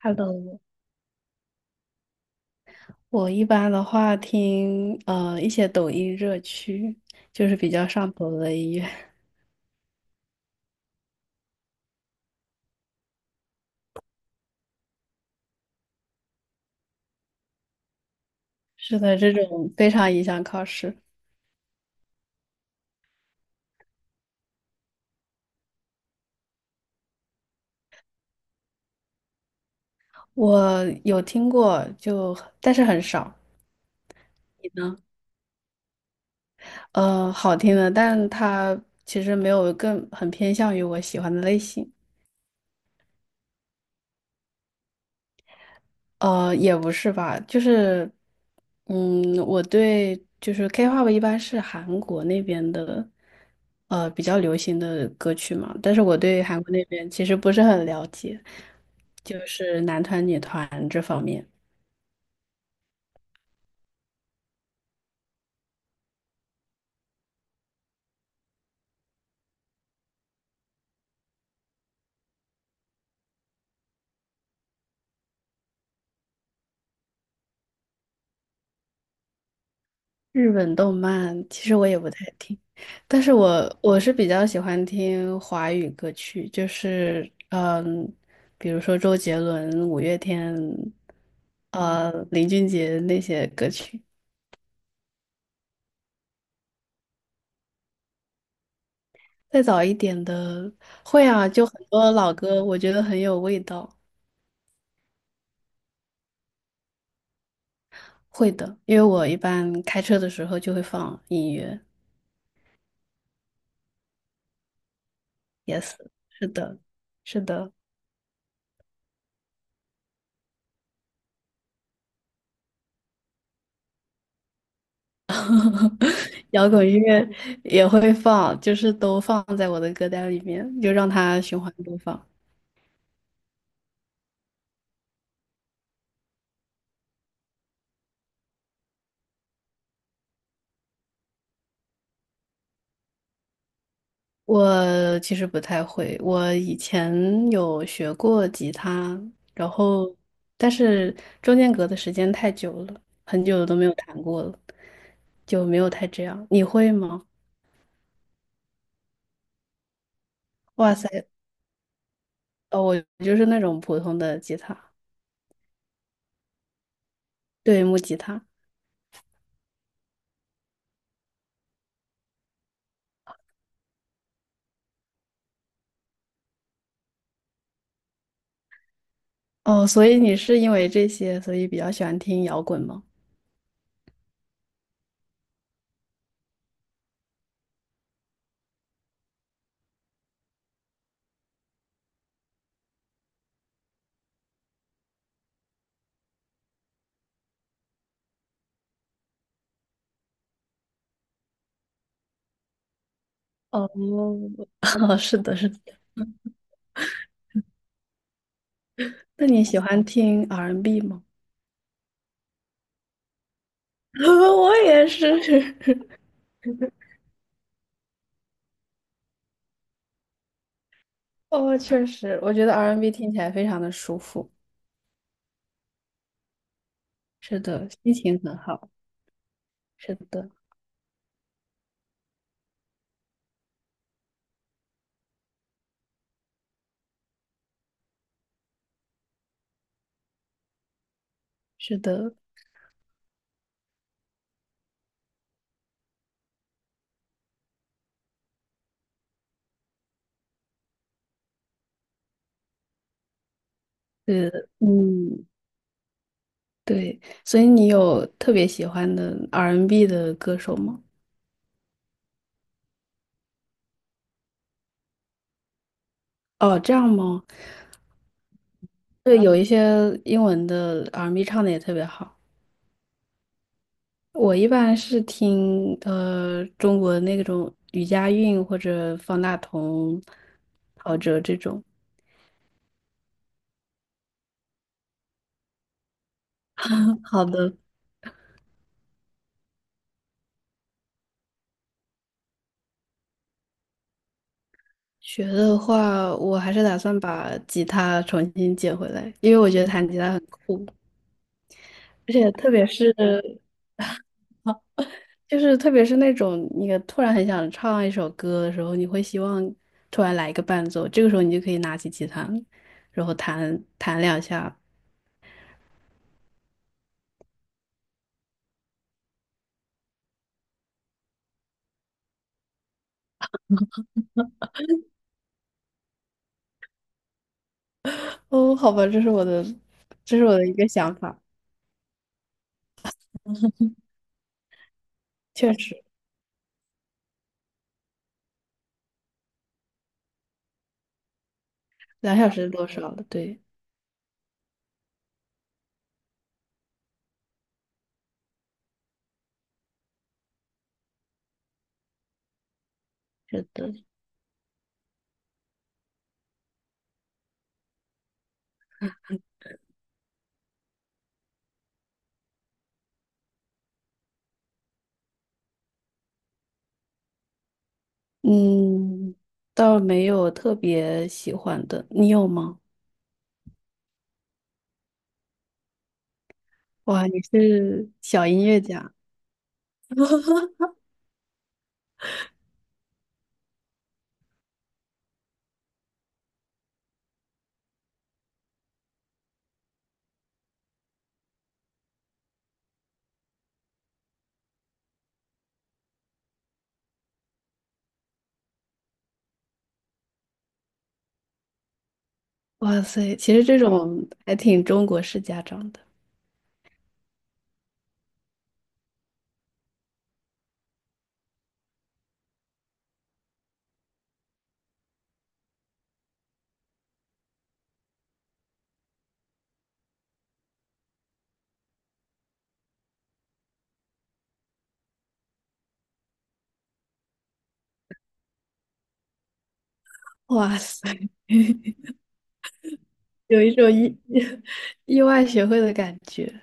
Hello，我一般的话听一些抖音热曲，就是比较上头的音乐。是的，这种非常影响考试。我有听过，但是很少。好听的，但它其实没有更很偏向于我喜欢的类型。也不是吧，就是，我对就是 K-pop 一般是韩国那边的，比较流行的歌曲嘛，但是我对韩国那边其实不是很了解，就是男团、女团这方面。日本动漫其实我也不太听，但是我是比较喜欢听华语歌曲，就是比如说周杰伦、五月天，林俊杰那些歌曲。再早一点的会啊，就很多老歌，我觉得很有味道。会的，因为我一般开车的时候就会放音乐。Yes，是的，是的。摇滚乐也会放，就是都放在我的歌单里面，就让它循环播放。我其实不太会，我以前有学过吉他，然后但是中间隔的时间太久了，很久都没有弹过了，就没有太这样。你会吗？哇塞，哦，我就是那种普通的吉他，对，木吉他。哦，所以你是因为这些，所以比较喜欢听摇滚吗？哦，是的，是的。那你喜欢听 R&B 吗？我也是。哦，确实，我觉得 R&B n 听起来非常的舒服。是的，心情很好。是的，是的，是的，嗯，对。所以你有特别喜欢的 R&B n 的歌手吗？哦，这样吗？对，有一些英文的 R&B n 唱的也特别好。我一般是听中国那种吕佳韵或者方大同、陶喆这种。好的，学的话，我还是打算把吉他重新捡回来，因为我觉得弹吉他很酷，而且特别是那种你突然很想唱一首歌的时候，你会希望突然来一个伴奏，这个时候你就可以拿起吉他，然后弹弹两下。哦，好吧，这是我的一个想法，确实，两小时多少了，对，是的，嗯，倒没有特别喜欢的，你有吗？哇，你是小音乐家，哇塞，其实这种还挺中国式家长的，哇塞，有一种意外学会的感觉。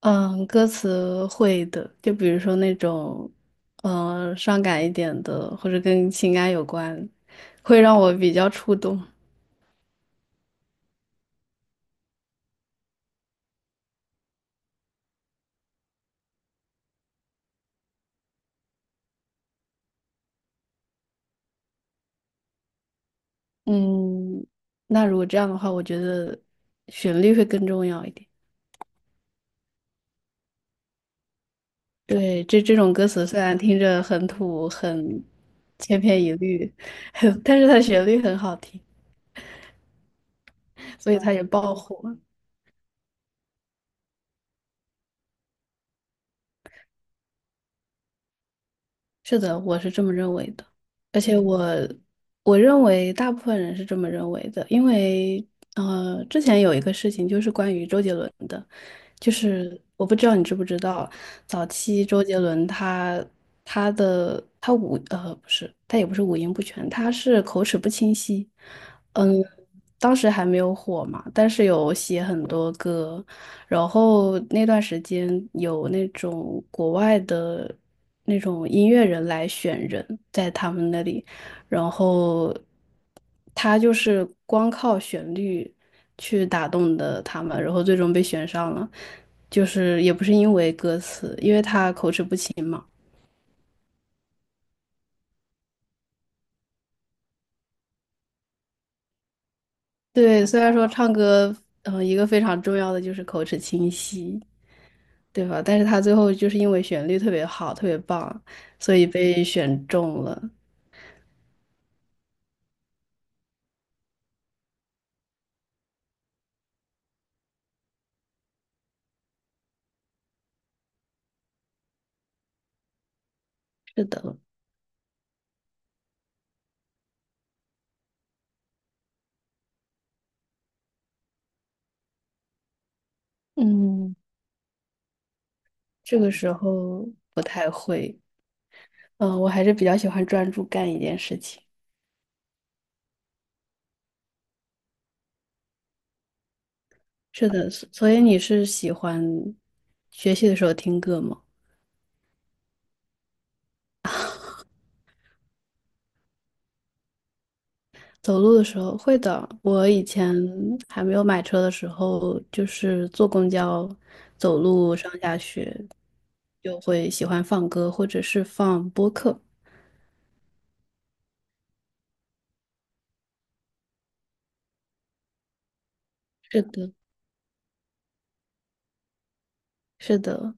嗯，歌词会的，就比如说那种，嗯、伤感一点的，或者跟情感有关，会让我比较触动。嗯，那如果这样的话，我觉得旋律会更重要一点。对，这种歌词虽然听着很土、很千篇一律，但是它旋律很好听，所以它也爆火。是的，我是这么认为的，而且我认为大部分人是这么认为的，因为之前有一个事情就是关于周杰伦的，就是我不知道你知不知道，早期周杰伦他他的他五呃不是，他也不是五音不全，他是口齿不清晰。嗯，当时还没有火嘛，但是有写很多歌，然后那段时间有那种国外的那种音乐人来选人，在他们那里，然后他就是光靠旋律去打动的他们，然后最终被选上了。就是也不是因为歌词，因为他口齿不清嘛。对，虽然说唱歌，嗯、一个非常重要的就是口齿清晰，对吧？但是他最后就是因为旋律特别好，特别棒，所以被选中了。是的，嗯，这个时候不太会，嗯、我还是比较喜欢专注干一件事情。是的，所以你是喜欢学习的时候听歌吗？走路的时候会的。我以前还没有买车的时候，就是坐公交、走路上下学，就会喜欢放歌，或者是放播客。是的，是的。